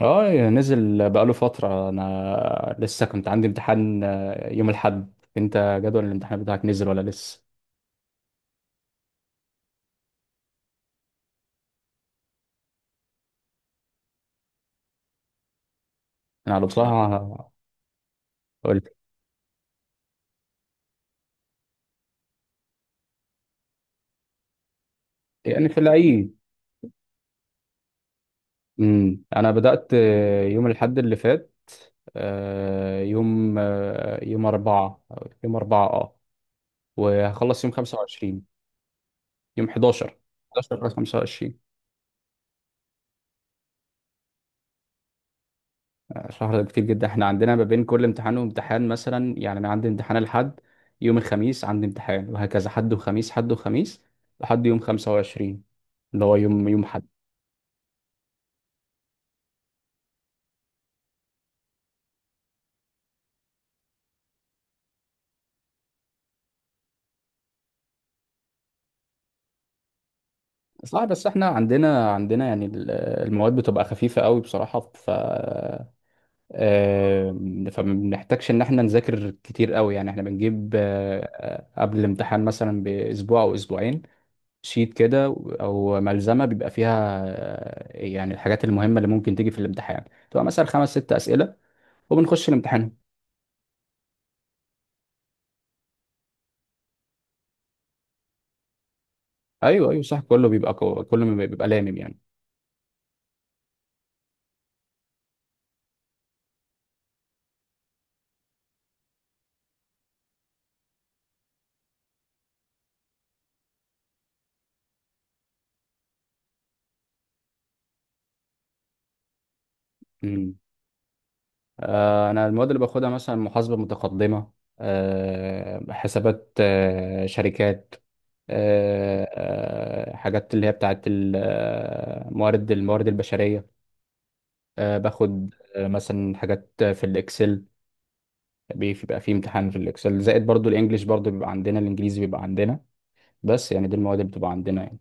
اه، نزل بقاله فترة. انا لسه كنت عندي امتحان يوم الاحد. انت جدول الامتحان بتاعك نزل ولا لسه؟ انا على بصراحة قلت، يعني في العيد. انا بدأت يوم الاحد اللي فات، يوم أربعة. يوم أربعة اه. وهخلص يوم 25، يوم 11. 11 أو 25. شهر ده كتير جدا. احنا عندنا ما بين كل امتحان وامتحان مثلا، يعني انا عندي امتحان الحد، يوم الخميس عندي امتحان، وهكذا حد وخميس حد وخميس لحد يوم 25، اللي هو يوم يوم حد. صح، بس احنا عندنا يعني المواد بتبقى خفيفة قوي بصراحة. ف فما بنحتاجش ان احنا نذاكر كتير قوي، يعني احنا بنجيب قبل الامتحان مثلا باسبوع او اسبوعين شيت كده، او ملزمه بيبقى فيها يعني الحاجات المهمه اللي ممكن تيجي في الامتحان، تبقى مثلا خمس ست اسئله وبنخش الامتحان. ايوه ايوه صح. كله بيبقى لامم يعني. امم. انا المواد اللي باخدها مثلا محاسبه متقدمه، حسابات شركات آه حاجات اللي هي بتاعت موارد الموارد البشريه. باخد مثلا حاجات في الاكسل. بيبقى فيه امتحان في الاكسل زائد برضو الانجليش، برضو بيبقى عندنا، الانجليزي بيبقى عندنا. بس يعني دي المواد اللي بتبقى عندنا يعني.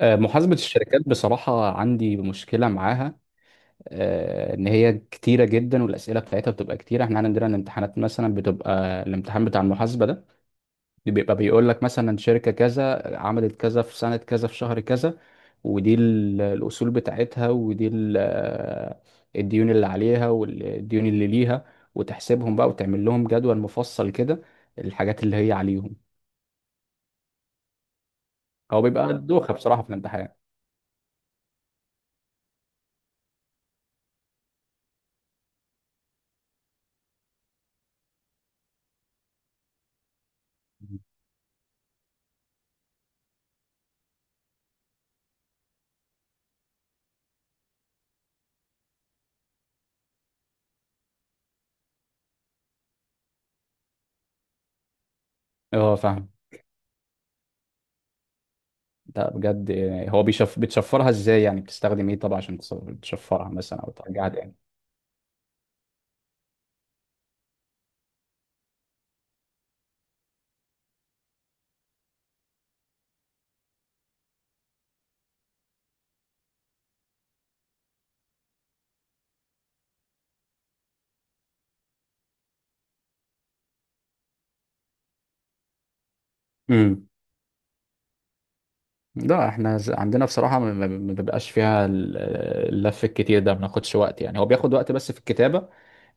محاسبة الشركات بصراحة عندي مشكلة معاها. إن هي كتيرة جدا، والأسئلة بتاعتها بتبقى كتيرة. إحنا عندنا الامتحانات مثلا بتبقى، الامتحان بتاع المحاسبة ده بيبقى بيقول لك مثلا شركة كذا عملت كذا في سنة كذا في شهر كذا، ودي الأصول بتاعتها، ودي الديون اللي عليها والديون اللي ليها، وتحسبهم بقى وتعمل لهم جدول مفصل كده، الحاجات اللي هي عليهم. هو بيبقى دوخة بصراحة في الامتحان. اه فاهم. ده بجد، يعني هو بيشف بتشفرها ازاي؟ يعني بتستخدم ايه طبعا عشان تشفرها مثلا او ترجعها تاني. امم. لا احنا عندنا بصراحة ما بيبقاش فيها اللف الكتير ده. ما بناخدش وقت، يعني هو بياخد وقت بس في الكتابة،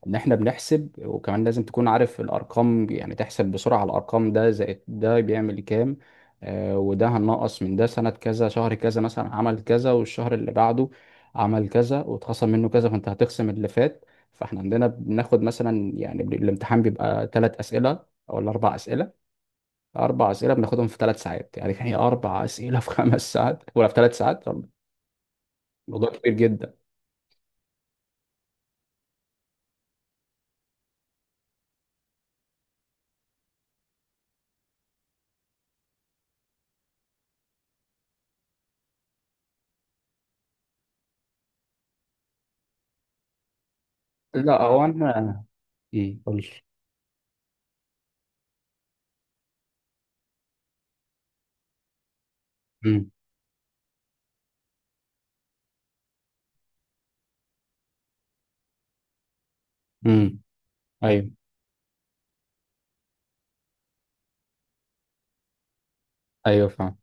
ان احنا بنحسب. وكمان لازم تكون عارف الارقام، يعني تحسب بسرعة الارقام، ده زائد ده بيعمل كام، آه وده هننقص من ده. سنة كذا شهر كذا مثلا عمل كذا، والشهر اللي بعده عمل كذا واتخصم منه كذا، فانت هتخصم اللي فات. فاحنا عندنا بناخد مثلا يعني الامتحان بيبقى ثلاث اسئلة او الاربع اسئلة. أربع أسئلة بناخدهم في ثلاث ساعات، يعني كان هي أربع أسئلة في خمس ساعات ولا في ثلاث ساعات. موضوع كبير جدا. لا، هو أنا قول. أمم. أمم. أيوه. أيوه فاهم.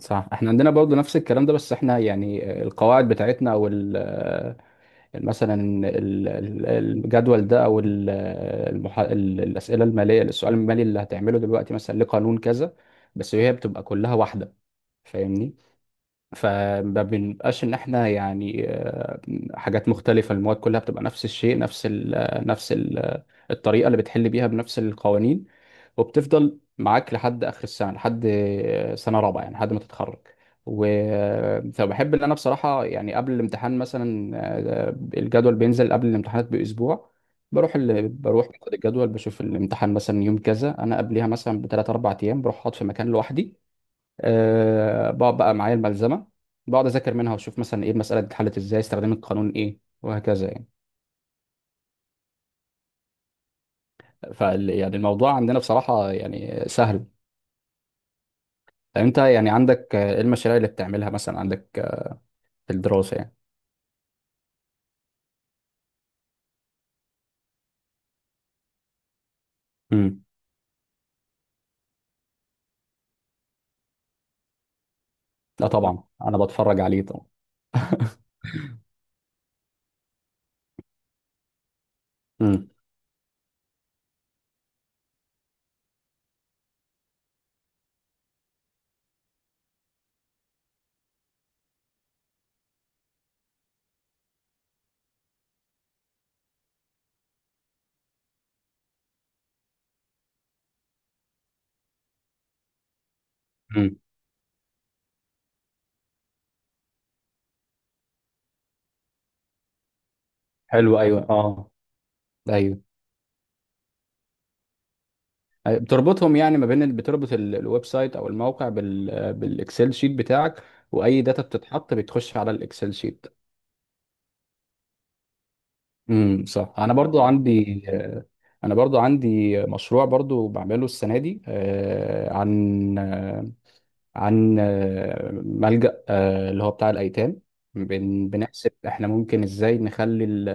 صح، احنا عندنا برضه نفس الكلام ده. بس احنا يعني القواعد بتاعتنا او مثلا الجدول ده، او المحا... الاسئله الماليه، السؤال المالي اللي هتعمله دلوقتي مثلا لقانون كذا، بس هي بتبقى كلها واحده. فاهمني؟ فما بنبقاش ان احنا يعني حاجات مختلفه. المواد كلها بتبقى نفس الشيء، نفس ال آه، نفس ال آه، الطريقه اللي بتحل بيها بنفس القوانين، وبتفضل معاك لحد اخر السنه، لحد سنه رابعه يعني لحد ما تتخرج. و آه، فبحب ان انا بصراحه يعني قبل الامتحان مثلا، آه، الجدول بينزل قبل الامتحانات باسبوع. بروح باخد الجدول، بشوف الامتحان مثلا يوم كذا، انا قبلها مثلا بثلاث اربع ايام بروح اقعد في مكان لوحدي. أه، بقعد بقى معايا الملزمه، بقعد اذاكر منها واشوف مثلا ايه المساله دي اتحلت ازاي، استخدام القانون ايه، وهكذا يعني. فال يعني الموضوع عندنا بصراحه يعني سهل. طب انت يعني عندك ايه المشاريع اللي بتعملها مثلا؟ عندك في الدراسه يعني. امم. لا طبعا انا بتفرج عليه طبعا. امم. امم. حلو، ايوه اه. ايوه. أيوة. بتربطهم يعني ما بين بتربط الويب سايت او الموقع بال بالاكسل شيت بتاعك. واي داتا بتتحط بتخش على الاكسل شيت. صح. انا برضو عندي مشروع برضو بعمله السنه دي عن ملجأ، اللي هو بتاع الايتام. بنحسب احنا ممكن ازاي نخلي ال-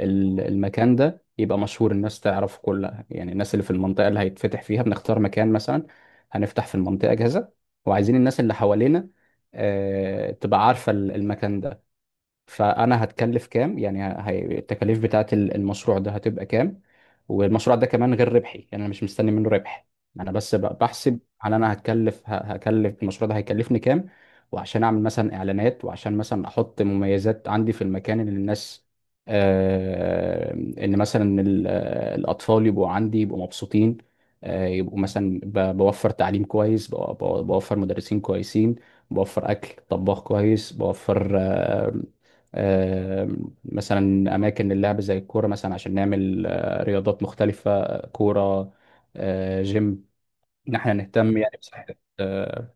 ال- المكان ده يبقى مشهور، الناس تعرفه كلها، يعني الناس اللي في المنطقه اللي هيتفتح فيها. بنختار مكان مثلا، هنفتح في المنطقه كذا، وعايزين الناس اللي حوالينا تبقى عارفه المكان ده. فانا هتكلف كام، يعني التكاليف بتاعه المشروع ده هتبقى كام. والمشروع ده كمان غير ربحي، يعني انا مش مستني منه ربح. انا بس بحسب هل انا هتكلف هكلف المشروع ده هيكلفني كام، وعشان اعمل مثلا اعلانات، وعشان مثلا احط مميزات عندي في المكان اللي الناس ان مثلا الاطفال يبقوا عندي يبقوا مبسوطين، يبقوا مثلا بوفر تعليم كويس، بوفر مدرسين كويسين، بوفر اكل طباخ كويس، بوفر آه، مثلا اماكن اللعب زي الكوره مثلا، عشان نعمل رياضات مختلفه، كوره، جيم، ان احنا نهتم يعني بصحه. آه،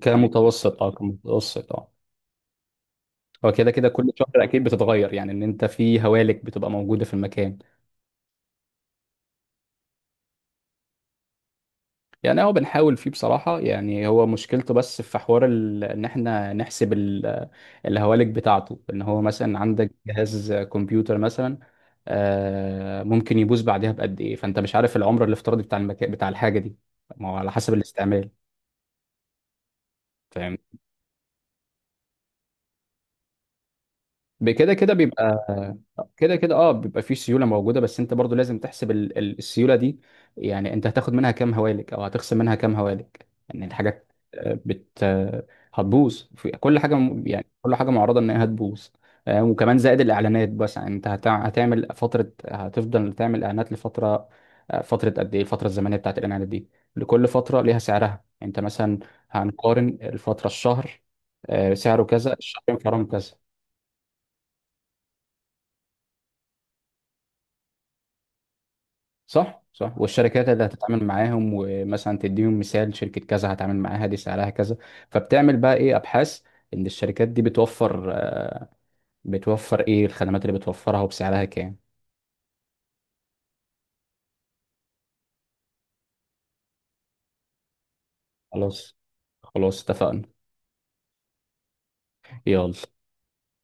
كمتوسط اه، كمتوسط اه. هو كده كده كل شهر اكيد بتتغير، يعني ان انت في هوالك بتبقى موجوده في المكان. يعني هو بنحاول فيه بصراحة. يعني هو مشكلته بس في حوار ان احنا نحسب الهوالك بتاعته. ان هو مثلا عندك جهاز كمبيوتر مثلا ممكن يبوظ بعدها بقد ايه، فانت مش عارف العمر الافتراضي بتاع المكان بتاع الحاجة دي، ما هو على حسب الاستعمال. بكده كده بيبقى. كده كده اه، بيبقى فيه سيوله موجوده، بس انت برضو لازم تحسب السيوله دي. يعني انت هتاخد منها كام هوالك، او هتخصم منها كام هوالك. يعني الحاجات آه، بت آه، هتبوظ في كل حاجه يعني كل حاجه معرضه ان هي هتبوظ. وكمان زائد الاعلانات. بس يعني انت هتعمل فتره، هتفضل تعمل اعلانات لفتره، فتره قد ايه الفتره الزمنيه بتاعت الاعلانات دي؟ لكل فتره ليها سعرها يعني. انت مثلا هنقارن الفتره الشهر سعره كذا، الشهرين سعرهم كذا. صح صح. والشركات اللي هتتعامل معاهم، ومثلا تديهم مثال شركة كذا هتعامل معاها دي سعرها كذا. فبتعمل بقى ايه، ابحاث ان الشركات دي بتوفر بتوفر ايه الخدمات اللي بتوفرها وبسعرها كام. خلاص. خلاص اتفقنا. يلا.